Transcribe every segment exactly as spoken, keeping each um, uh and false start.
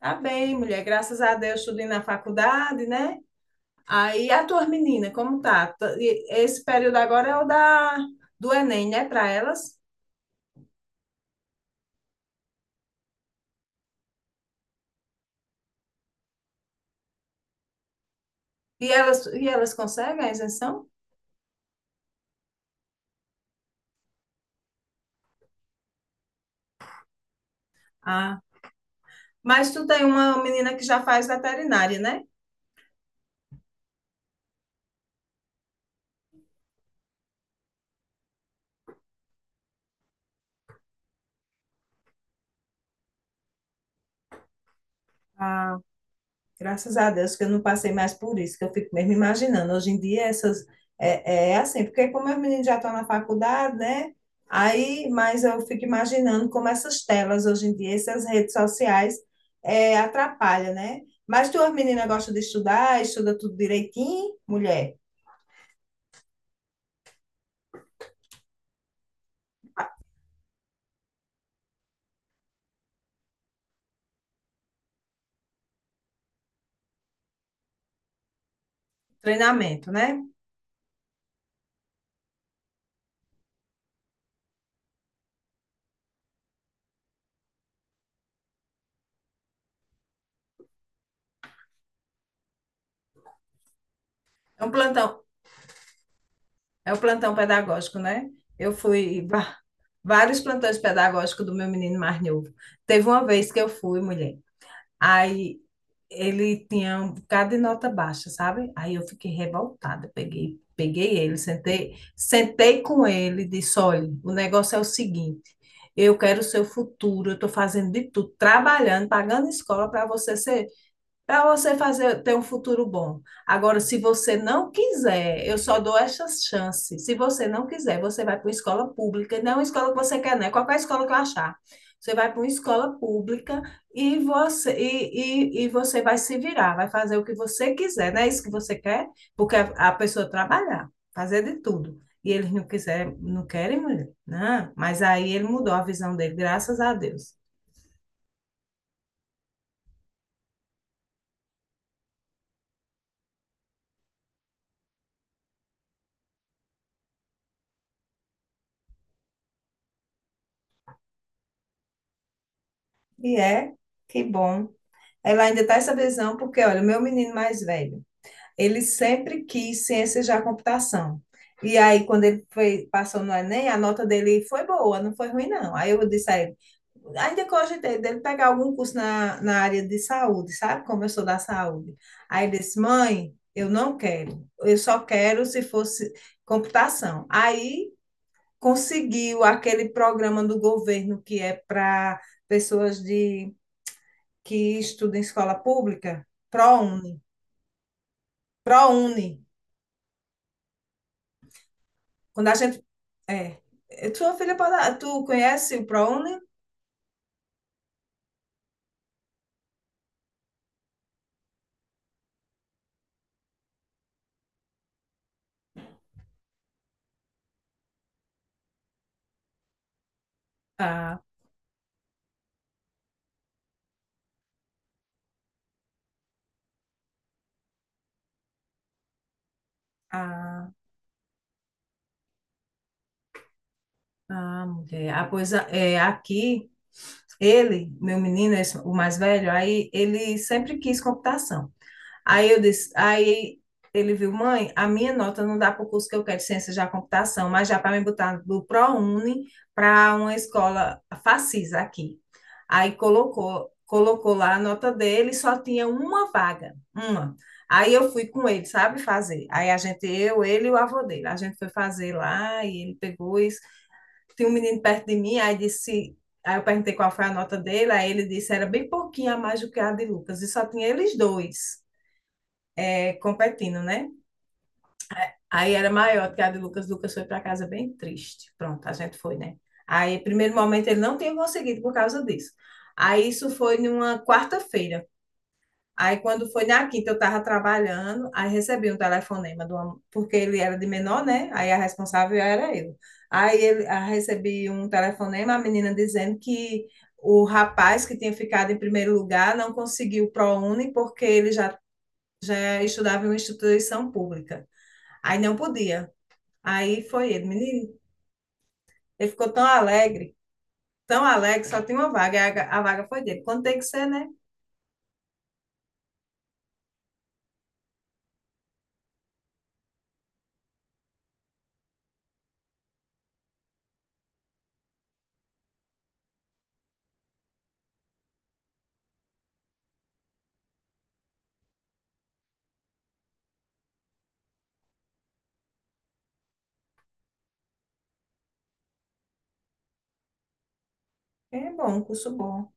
Tá bem, mulher. Graças a Deus, tudo indo na faculdade, né? Aí a tua menina, como tá? Tá- e- Esse período agora é o da do Enem, né, para elas? E elas e elas conseguem a isenção? Ah, mas tu tem uma menina que já faz veterinária, né? Ah, graças a Deus que eu não passei mais por isso, que eu fico mesmo imaginando. Hoje em dia essas é, é é assim, porque como os meninos já estão na faculdade, né? Aí, mas eu fico imaginando como essas telas hoje em dia, essas redes sociais é, atrapalham, né? Mas tuas meninas gostam de estudar, estuda tudo direitinho, mulher. Treinamento, né? É um plantão, é um plantão pedagógico, né? Eu fui va- Vários plantões pedagógicos do meu menino mais novo. Teve uma vez que eu fui, mulher. Aí ele tinha um bocado de nota baixa, sabe? Aí eu fiquei revoltada, peguei, peguei ele, sentei, sentei com ele e disse, olha, o negócio é o seguinte, eu quero o seu futuro, eu estou fazendo de tudo, trabalhando, pagando escola para você ser para você fazer ter um futuro bom. Agora, se você não quiser, eu só dou essas chances. Se você não quiser, você vai para uma escola pública, não é uma escola que você quer, né? Qualquer escola que eu achar. Você vai para uma escola pública e você, e, e, e você vai se virar, vai fazer o que você quiser, não é isso que você quer? Porque a, a pessoa trabalhar, fazer de tudo. E eles não quiser, não querem mulher, né? Mas aí ele mudou a visão dele, graças a Deus. E é, que bom. Ela ainda está essa visão, porque, olha, meu menino mais velho, ele sempre quis ciências da computação. E aí, quando ele foi, passou no Enem, a nota dele foi boa, não foi ruim, não. Aí eu disse a ele, ainda cogitei dele pegar algum curso na, na área de saúde, sabe? Como eu sou da saúde. Aí ele disse, mãe, eu não quero, eu só quero se fosse computação. Aí conseguiu aquele programa do governo que é para pessoas de que estuda em escola pública, ProUni, ProUni. Quando a gente é, eh, tua filha pode, tu conhece o ProUni? Ah, ah, ah, mulher. Ah, pois é, aqui ele, meu menino, esse- o mais velho, aí ele sempre quis computação. Aí eu disse, aí ele viu, mãe, a minha nota não dá para o curso que eu quero de ciências da computação, mas já para me botar do ProUni para uma escola Facisa aqui. Aí colocou, colocou lá a nota dele, só tinha uma vaga, uma. Aí eu fui com ele, sabe fazer. Aí a gente, eu, ele e o avô dele, a gente foi fazer lá e ele pegou isso. Tinha um menino perto de mim, aí disse, aí eu perguntei qual foi a nota dele, aí ele disse era bem pouquinho a mais do que a de Lucas, e só tinha eles dois. É, competindo, né? Aí era maior que a de Lucas. Lucas foi para casa bem triste. Pronto, a gente foi, né? Aí, primeiro momento, ele não tinha conseguido por causa disso. Aí, isso foi numa quarta-feira. Aí, quando foi na quinta, eu estava trabalhando, aí recebi um telefonema, de uma- porque ele era de menor, né? Aí a responsável era eu. Aí, ele, aí recebi um telefonema, a menina dizendo que o rapaz que tinha ficado em primeiro lugar não conseguiu o ProUni porque ele já eh, estudava em uma instituição pública. Aí não podia. Aí foi ele, menino. Ele ficou tão alegre, tão alegre, só tinha uma vaga. A, a vaga foi dele. Quando tem que ser, né? É bom, um curso bom.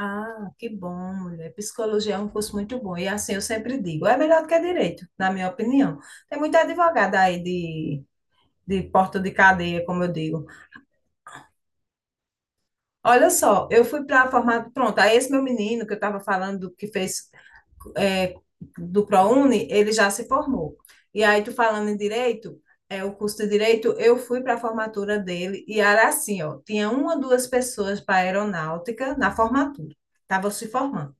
Ah, que bom, mulher. Psicologia é um curso muito bom. E assim eu sempre digo, é melhor do que direito, na minha opinião. Tem muita advogada aí de, de porta de cadeia, como eu digo. Olha só, eu fui para a formatura. Pronto, aí esse meu menino que eu estava falando que fez é, do ProUni, ele já se formou. E aí, tu falando em direito, é, o curso de direito, eu fui para a formatura dele e era assim, ó, tinha uma ou duas pessoas para aeronáutica na formatura, estavam se formando.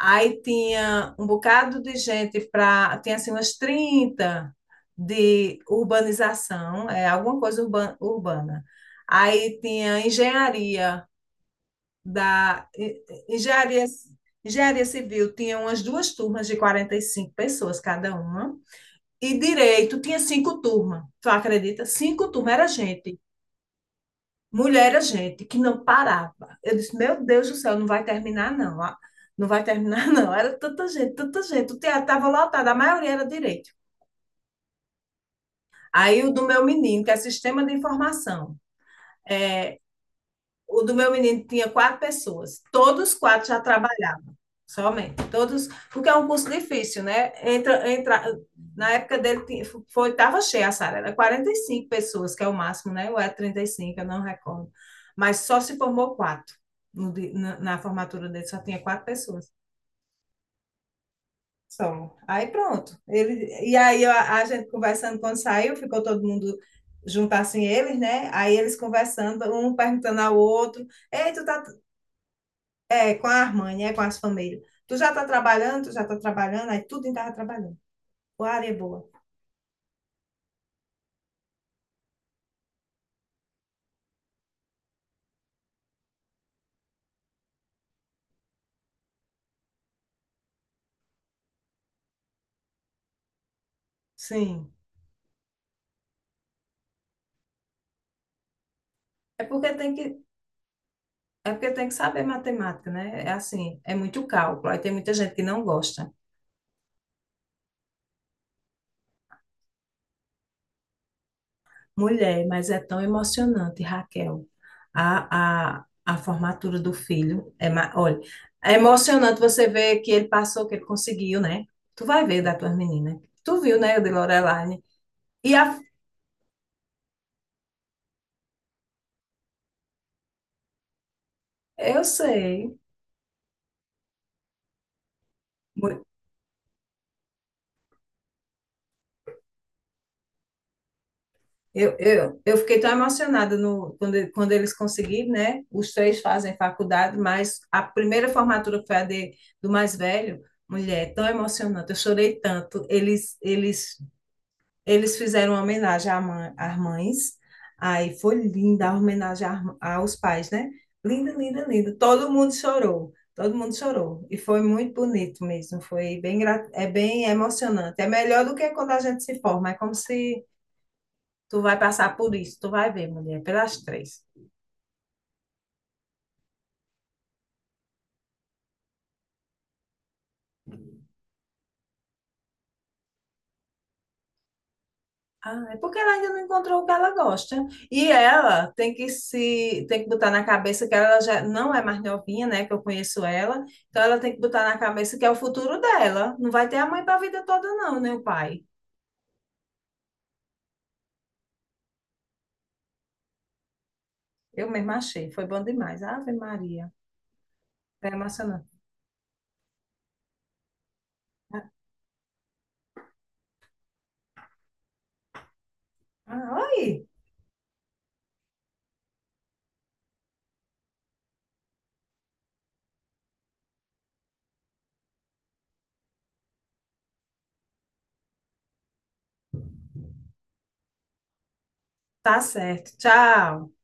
Aí tinha um bocado de gente para, tinha assim umas trinta de urbanização, é alguma coisa urba, urbana. Aí tinha engenharia, da engenharia, engenharia civil tinha umas duas turmas de quarenta e cinco pessoas cada uma, e direito tinha cinco turmas. Tu acredita? Cinco turmas era gente, mulher era gente, que não parava. Eu disse, meu Deus do céu, não vai terminar, não. Ah, não vai terminar, não. Era tanta gente, tanta gente. O teatro estava lotado, a maioria era direito. Aí o do meu menino, que é sistema de informação. É, o do meu menino tinha quatro pessoas. Todos quatro já trabalhavam, somente. Todos, porque é um curso difícil, né? Entra, entra, na época dele tinha- foi, estava cheia a sala, era quarenta e cinco pessoas, que é o máximo, né? Ou é trinta e cinco, eu não recordo. Mas só se formou quatro. No di- na, na formatura dele só tinha quatro pessoas. Só. Aí pronto. Ele, e aí a, a gente conversando quando saiu, ficou todo mundo junto assim, eles, né? Aí eles conversando, um perguntando ao outro. Ei, tu tá é, com a Armani, é com as famílias. Tu já tá trabalhando, tu já tá trabalhando, aí tudo em tava trabalhando. O área é boa. Sim. É porque tem que, é porque tem que saber matemática, né? É assim, é muito cálculo. Aí tem muita gente que não gosta. Mulher, mas é tão emocionante, Raquel. A, a, a formatura do filho é, ma- olha, é emocionante você ver que ele passou, que ele conseguiu, né? Tu vai ver da tua menina. Tu viu, né, de Lorelaine? E a, eu sei. Eu, eu, eu fiquei tão emocionada no, quando, quando eles conseguiram, né? Os três fazem faculdade, mas a primeira formatura que foi a de, do mais velho, mulher, tão emocionante, eu chorei tanto. Eles, eles, eles fizeram uma homenagem à mãe- às mães, aí foi linda a homenagem às- ma- aos pais, né? Linda, linda, linda. Todo mundo chorou, todo mundo chorou. E foi muito bonito mesmo, foi bem, gra- é bem emocionante. É melhor do que quando a gente se forma, é como se tu vai passar por isso, tu vai ver, mulher, pelas três. Ah, é porque ela ainda não encontrou o que ela gosta. E ela tem que se, tem que botar na cabeça que ela já não é mais novinha, né? Que eu conheço ela. Então ela tem que botar na cabeça que é o futuro dela. Não vai ter a mãe para a vida toda, não, né, o pai? Eu mesma achei, foi bom demais. Ave Maria, é emocionante. Ah, oi. Tá certo. Tchau.